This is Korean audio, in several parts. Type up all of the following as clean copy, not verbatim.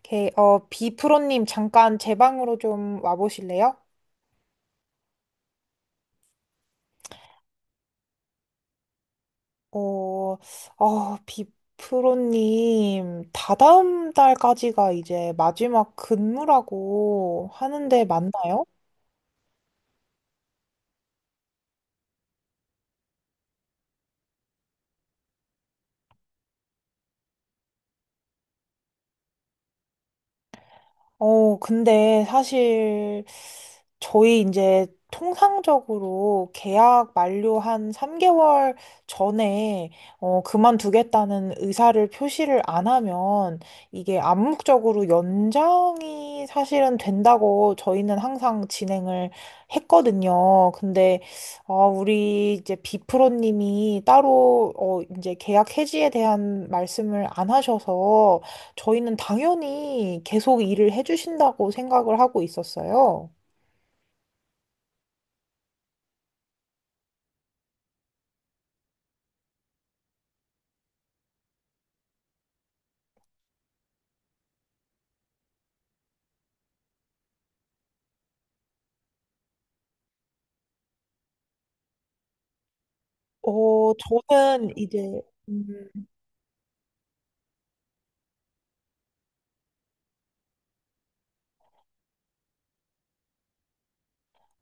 오케이. 비프로님 잠깐 제 방으로 좀 와보실래요? 어, 비프로님 다다음 달까지가 이제 마지막 근무라고 하는데 맞나요? 근데 사실 저희 이제 통상적으로 계약 만료 한 3개월 전에 그만두겠다는 의사를 표시를 안 하면 이게 암묵적으로 연장이 사실은 된다고 저희는 항상 진행을 했거든요. 근데 우리 이제 비프로님이 따로 이제 계약 해지에 대한 말씀을 안 하셔서 저희는 당연히 계속 일을 해주신다고 생각을 하고 있었어요. 어, 저는 이제, 음,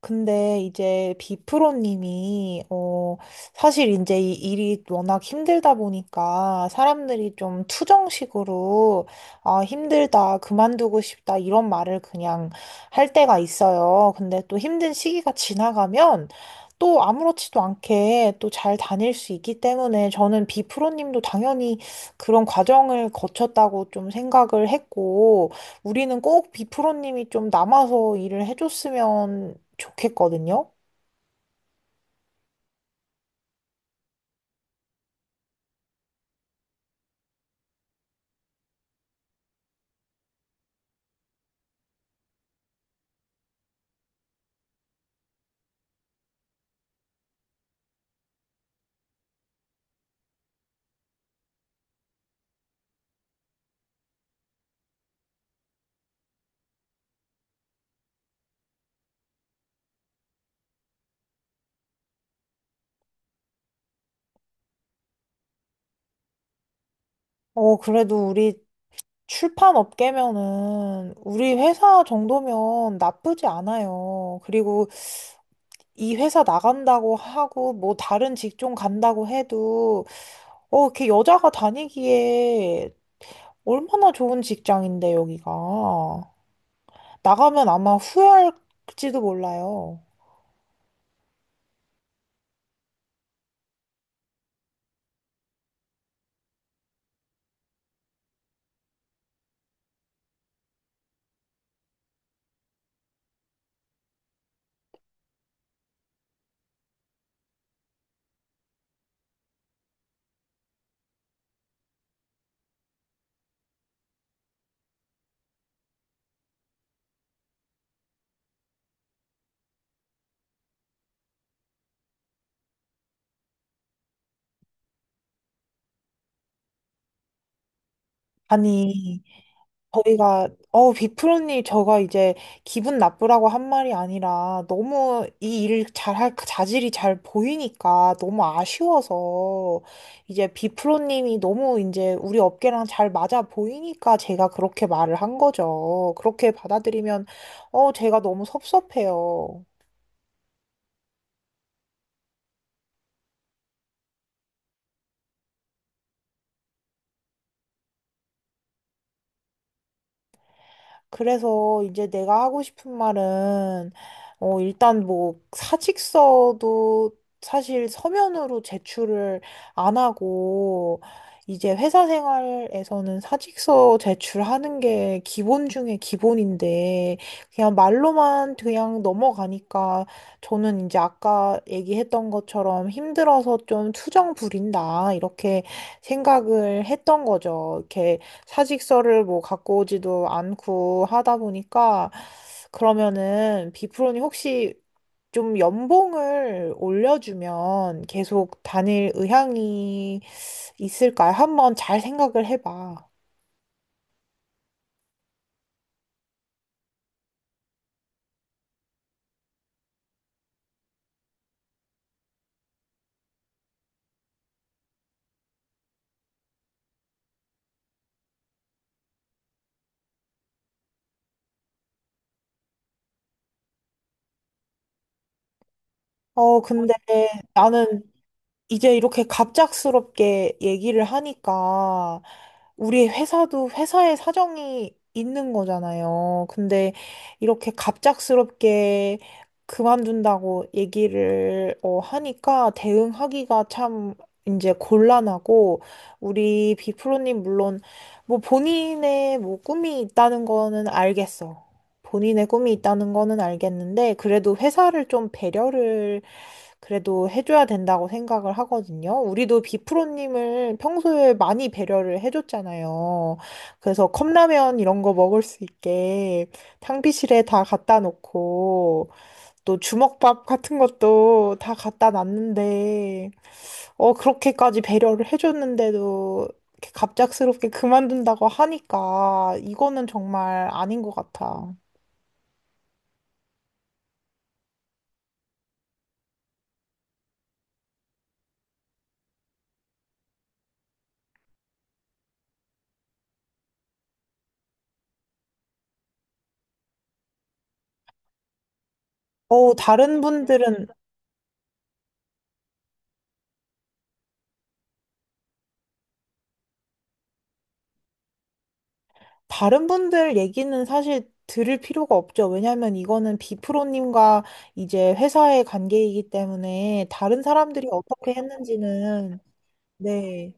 근데 이제 비프로님이 사실 이제 이 일이 워낙 힘들다 보니까 사람들이 좀 투정식으로 아 힘들다 그만두고 싶다 이런 말을 그냥 할 때가 있어요. 근데 또 힘든 시기가 지나가면 또 아무렇지도 않게 또 잘 다닐 수 있기 때문에 저는 비프로님도 당연히 그런 과정을 거쳤다고 좀 생각을 했고 우리는 꼭 비프로님이 좀 남아서 일을 해줬으면 좋겠거든요. 그래도 우리 출판 업계면은 우리 회사 정도면 나쁘지 않아요. 그리고 이 회사 나간다고 하고 뭐 다른 직종 간다고 해도 이렇게 여자가 다니기에 얼마나 좋은 직장인데 여기가. 나가면 아마 후회할지도 몰라요. 아니. 저희가 비프로님 저가 이제 기분 나쁘라고 한 말이 아니라 너무 이 일 잘할 그 자질이 잘 보이니까 너무 아쉬워서 이제 비프로님이 너무 이제 우리 업계랑 잘 맞아 보이니까 제가 그렇게 말을 한 거죠. 그렇게 받아들이면 제가 너무 섭섭해요. 그래서 이제 내가 하고 싶은 말은, 일단 뭐 사직서도 사실 서면으로 제출을 안 하고, 이제 회사 생활에서는 사직서 제출하는 게 기본 중에 기본인데, 그냥 말로만 그냥 넘어가니까 저는 이제 아까 얘기했던 것처럼 힘들어서 좀 투정 부린다, 이렇게 생각을 했던 거죠. 이렇게 사직서를 뭐 갖고 오지도 않고 하다 보니까 그러면은 비프로님 혹시 좀 연봉을 올려주면 계속 다닐 의향이 있을까요? 한번 잘 생각을 해봐. 근데 나는 이제 이렇게 갑작스럽게 얘기를 하니까 우리 회사도 회사의 사정이 있는 거잖아요. 근데 이렇게 갑작스럽게 그만둔다고 얘기를 하니까 대응하기가 참 이제 곤란하고 우리 비프로님 물론 뭐 본인의 뭐 꿈이 있다는 거는 알겠어. 본인의 꿈이 있다는 거는 알겠는데 그래도 회사를 좀 배려를 그래도 해줘야 된다고 생각을 하거든요. 우리도 비프로님을 평소에 많이 배려를 해줬잖아요. 그래서 컵라면 이런 거 먹을 수 있게 탕비실에 다 갖다 놓고 또 주먹밥 같은 것도 다 갖다 놨는데 그렇게까지 배려를 해줬는데도 이렇게 갑작스럽게 그만둔다고 하니까 이거는 정말 아닌 것 같아. 어, 다른 분들은 다른 분들 얘기는 사실 들을 필요가 없죠. 왜냐하면 이거는 비프로님과 이제 회사의 관계이기 때문에 다른 사람들이 어떻게 했는지는, 네.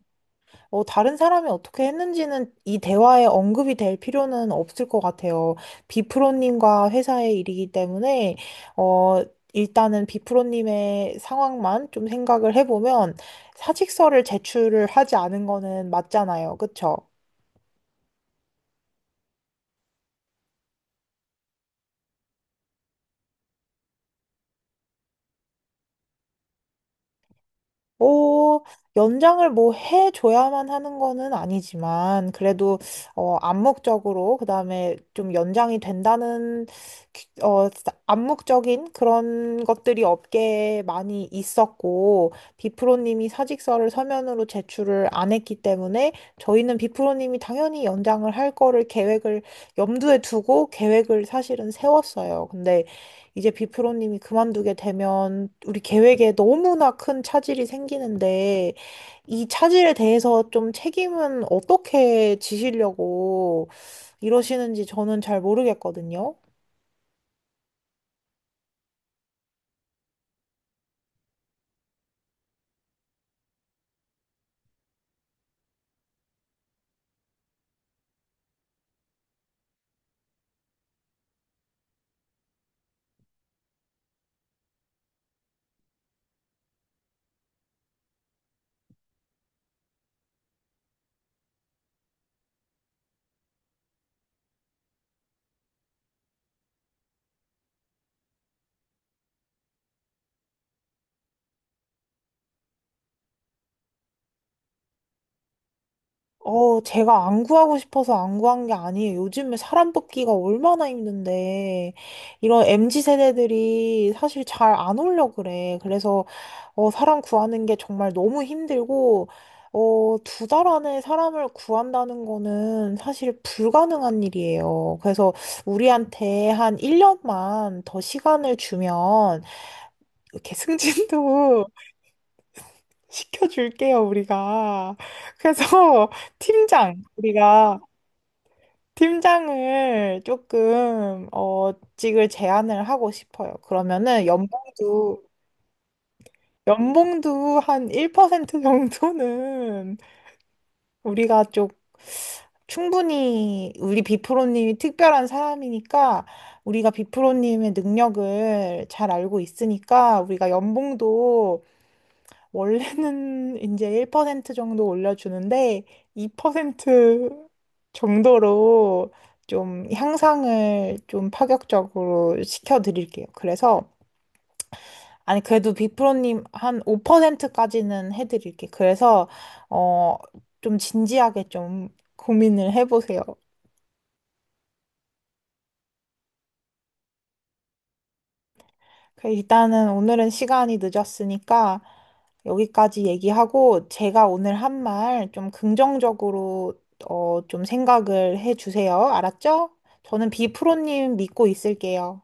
다른 사람이 어떻게 했는지는 이 대화에 언급이 될 필요는 없을 것 같아요. 비프로님과 회사의 일이기 때문에, 어, 일단은 비프로님의 상황만 좀 생각을 해보면 사직서를 제출을 하지 않은 거는 맞잖아요. 그쵸? 어, 연장을 뭐 해줘야만 하는 거는 아니지만, 그래도, 암묵적으로, 그 다음에 좀 연장이 된다는, 암묵적인 그런 것들이 업계에 많이 있었고, 비프로님이 사직서를 서면으로 제출을 안 했기 때문에, 저희는 비프로님이 당연히 연장을 할 거를 계획을 염두에 두고 계획을 사실은 세웠어요. 근데 이제 비프로님이 그만두게 되면 우리 계획에 너무나 큰 차질이 생기는데 이 차질에 대해서 좀 책임은 어떻게 지시려고 이러시는지 저는 잘 모르겠거든요. 제가 안 구하고 싶어서 안 구한 게 아니에요. 요즘에 사람 뽑기가 얼마나 힘든데, 이런 MZ 세대들이 사실 잘 안 오려고 그래. 사람 구하는 게 정말 너무 힘들고, 2달 안에 사람을 구한다는 거는 사실 불가능한 일이에요. 그래서 우리한테 한 1년만 더 시간을 주면, 이렇게 승진도 시켜줄게요, 우리가. 그래서, 팀장, 우리가. 팀장을 조금 어직을 제안을 하고 싶어요. 그러면은 연봉도 한 1% 정도는 우리가 좀 충분히 우리 비프로님이 특별한 사람이니까 우리가 비프로님의 능력을 잘 알고 있으니까 우리가 연봉도 원래는 이제 1% 정도 올려주는데 2% 정도로 좀 향상을 좀 파격적으로 시켜드릴게요. 그래서 아니 그래도 비프로님 한 5%까지는 해드릴게. 그래서 어 좀 진지하게 좀 고민을 해보세요. 그 일단은 오늘은 시간이 늦었으니까 여기까지 얘기하고 제가 오늘 한 말 좀 긍정적으로 좀 생각을 해 주세요. 알았죠? 저는 비프로님 믿고 있을게요.